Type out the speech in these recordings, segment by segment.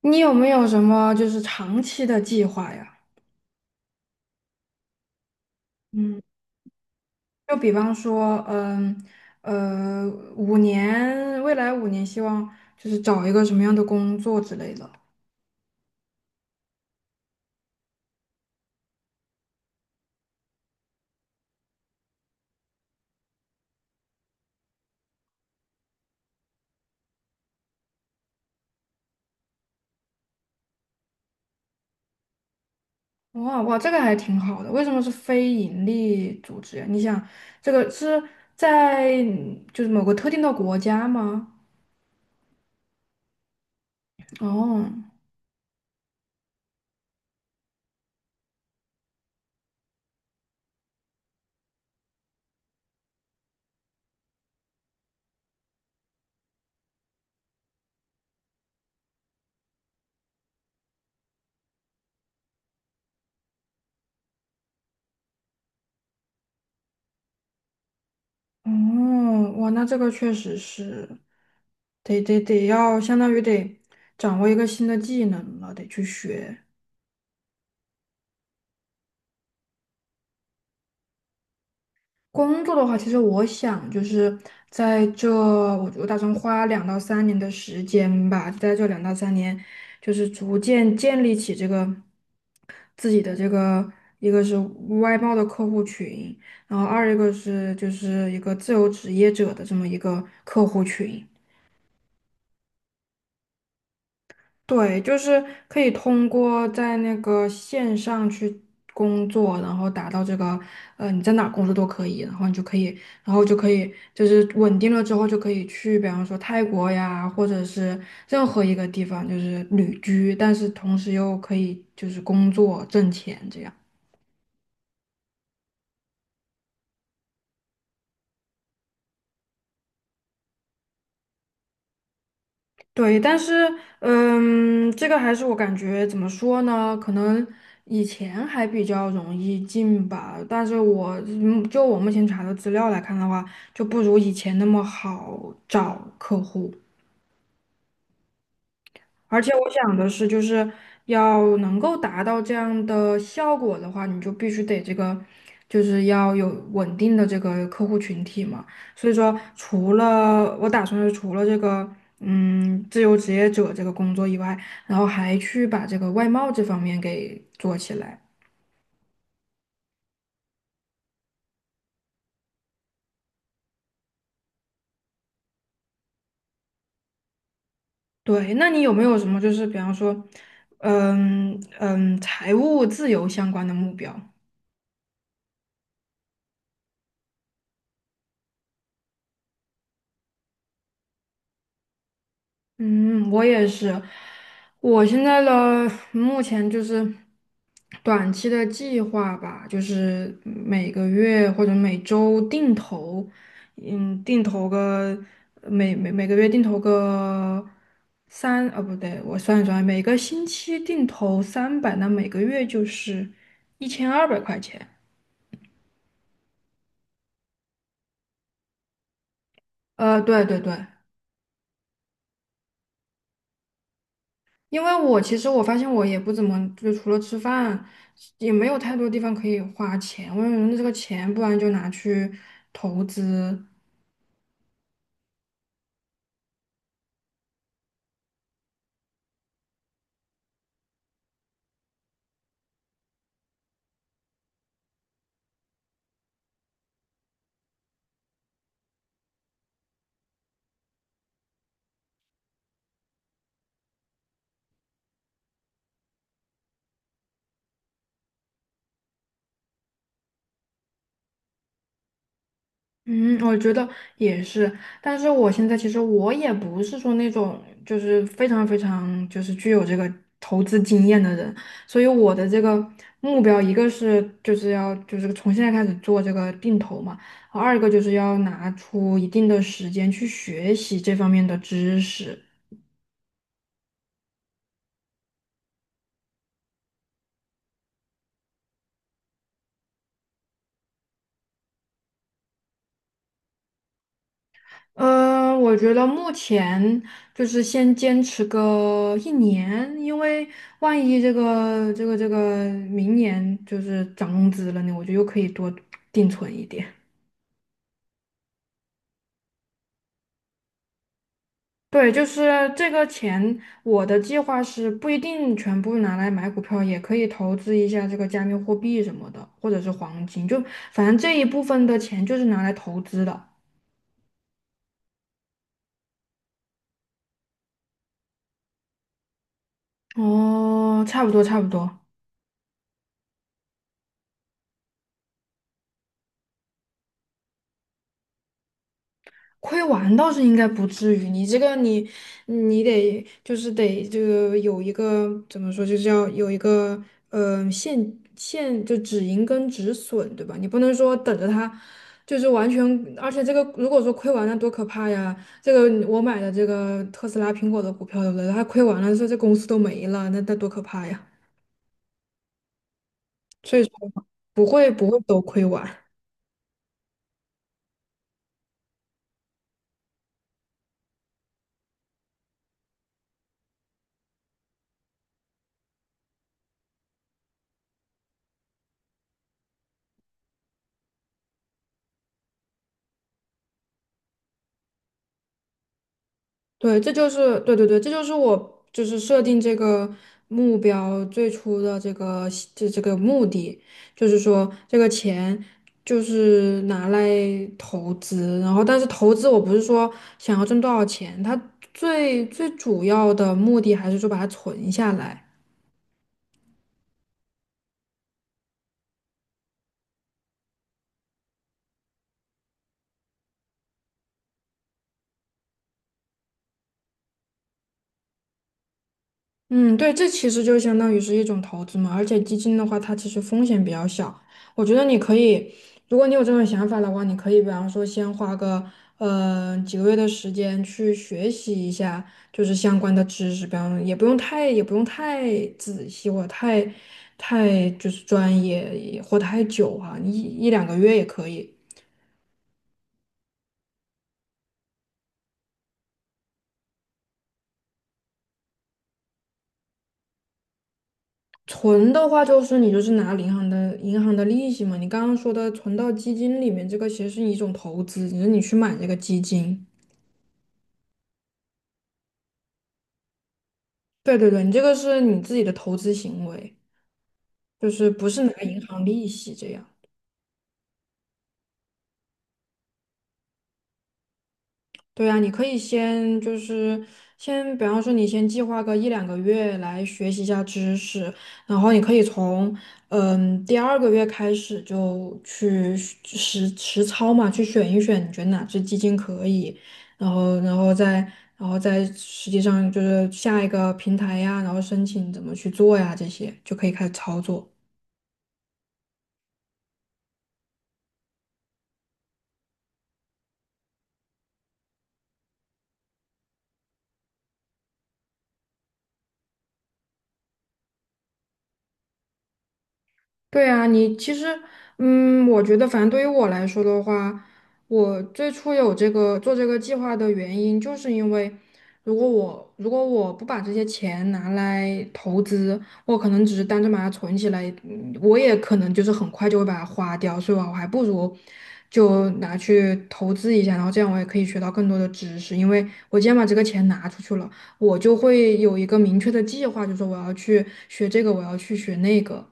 你有没有什么就是长期的计划呀？嗯，就比方说，呃，五年，未来五年，希望就是找一个什么样的工作之类的。哇哇，这个还挺好的。为什么是非盈利组织呀？你想，这个是在就是某个特定的国家吗？哦哦，哇，那这个确实是，得要相当于得掌握一个新的技能了，得去学。工作的话，其实我想就是在这，我打算花两到三年的时间吧，在这两到三年，就是逐渐建立起这个自己的这个，一个是外贸的客户群，然后二一个是就是一个自由职业者的这么一个客户群。对，就是可以通过在那个线上去工作，然后达到这个，你在哪儿工作都可以，然后就可以，就是稳定了之后就可以去，比方说泰国呀，或者是任何一个地方，就是旅居，但是同时又可以就是工作挣钱这样。对，但是，这个还是我感觉怎么说呢？可能以前还比较容易进吧，但是我就我目前查的资料来看的话，就不如以前那么好找客户。而且我想的是，就是要能够达到这样的效果的话，你就必须得这个，就是要有稳定的这个客户群体嘛。所以说，除了我打算是除了这个，自由职业者这个工作以外，然后还去把这个外贸这方面给做起来。对，那你有没有什么就是比方说，财务自由相关的目标？嗯，我也是。我现在的目前就是短期的计划吧，就是每个月或者每周定投，定投个每个月定投个三，不对，我算一算，每个星期定投300，那每个月就是1200块钱。对对对。因为我其实我发现我也不怎么，就除了吃饭，也没有太多地方可以花钱。我用觉这个钱，不然就拿去投资。嗯，我觉得也是。但是我现在其实我也不是说那种就是非常非常就是具有这个投资经验的人，所以我的这个目标，一个是就是要就是从现在开始做这个定投嘛，二个就是要拿出一定的时间去学习这方面的知识。我觉得目前就是先坚持个1年，因为万一这个明年就是涨工资了呢，我就又可以多定存一点。对，就是这个钱，我的计划是不一定全部拿来买股票，也可以投资一下这个加密货币什么的，或者是黄金，就反正这一部分的钱就是拿来投资的。哦，差不多差不多。亏完倒是应该不至于，你这个你得就是得这个有一个怎么说，就是要有一个呃现现就止盈跟止损，对吧？你不能说等着它就是完全，而且这个如果说亏完了多可怕呀！这个我买的这个特斯拉、苹果的股票，对不对？它亏完了，说这公司都没了，那多可怕呀！所以说不会不会都亏完。对，这就是对对对，这就是我就是设定这个目标最初的这个这个目的，就是说这个钱就是拿来投资，然后但是投资我不是说想要挣多少钱，它最最主要的目的还是说把它存下来。嗯，对，这其实就相当于是一种投资嘛，而且基金的话，它其实风险比较小。我觉得你可以，如果你有这种想法的话，你可以比方说先花个几个月的时间去学习一下，就是相关的知识，比方也不用太仔细或者太就是专业也或太久哈，一两个月也可以。存的话，就是你就是拿银行的利息嘛。你刚刚说的存到基金里面，这个其实是一种投资，只是你去买这个基金。对对对，你这个是你自己的投资行为，就是不是拿银行利息这样。对啊，你可以先就是先，比方说你先计划个一两个月来学习一下知识，然后你可以从第2个月开始就去实操嘛，去选一选你觉得哪只基金可以，然后然后再然后再实际上就是下一个平台呀，然后申请怎么去做呀，这些就可以开始操作。对啊，你其实，嗯，我觉得反正对于我来说的话，我最初有这个做这个计划的原因，就是因为如果我不把这些钱拿来投资，我可能只是单纯把它存起来，我也可能就是很快就会把它花掉，所以我还不如就拿去投资一下，然后这样我也可以学到更多的知识，因为我既然把这个钱拿出去了，我就会有一个明确的计划，就是说我要去学这个，我要去学那个。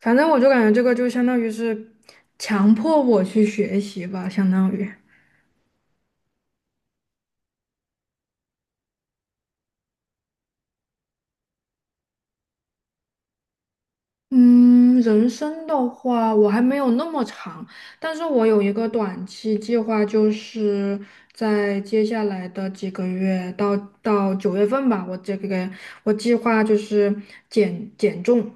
反正我就感觉这个就相当于是强迫我去学习吧，相当于。嗯，人生的话，我还没有那么长，但是我有一个短期计划，就是在接下来的几个月到到9月份吧，我这个我计划就是减重，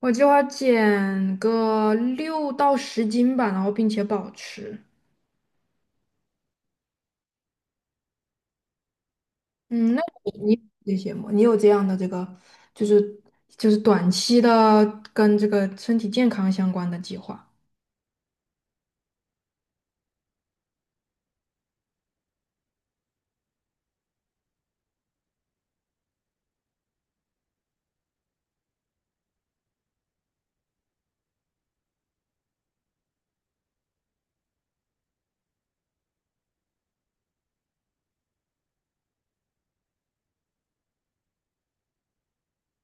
我计划减个6到10斤吧，然后并且保持。嗯，那你你这些吗？你有这样的这个，就是就是短期的跟这个身体健康相关的计划。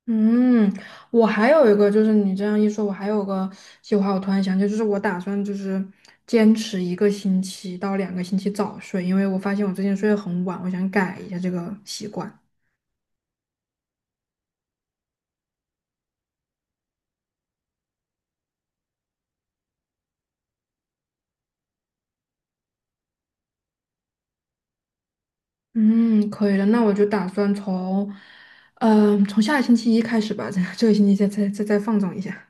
嗯，我还有一个，就是你这样一说，我还有个计划，我突然想起来就是我打算就是坚持1个星期到2个星期早睡，因为我发现我最近睡得很晚，我想改一下这个习惯。嗯，可以的，那我就打算从下个星期一开始吧，这个星期再放纵一下。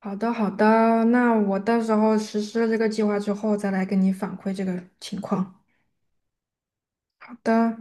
好的，好的，那我到时候实施了这个计划之后，再来跟你反馈这个情况。好的。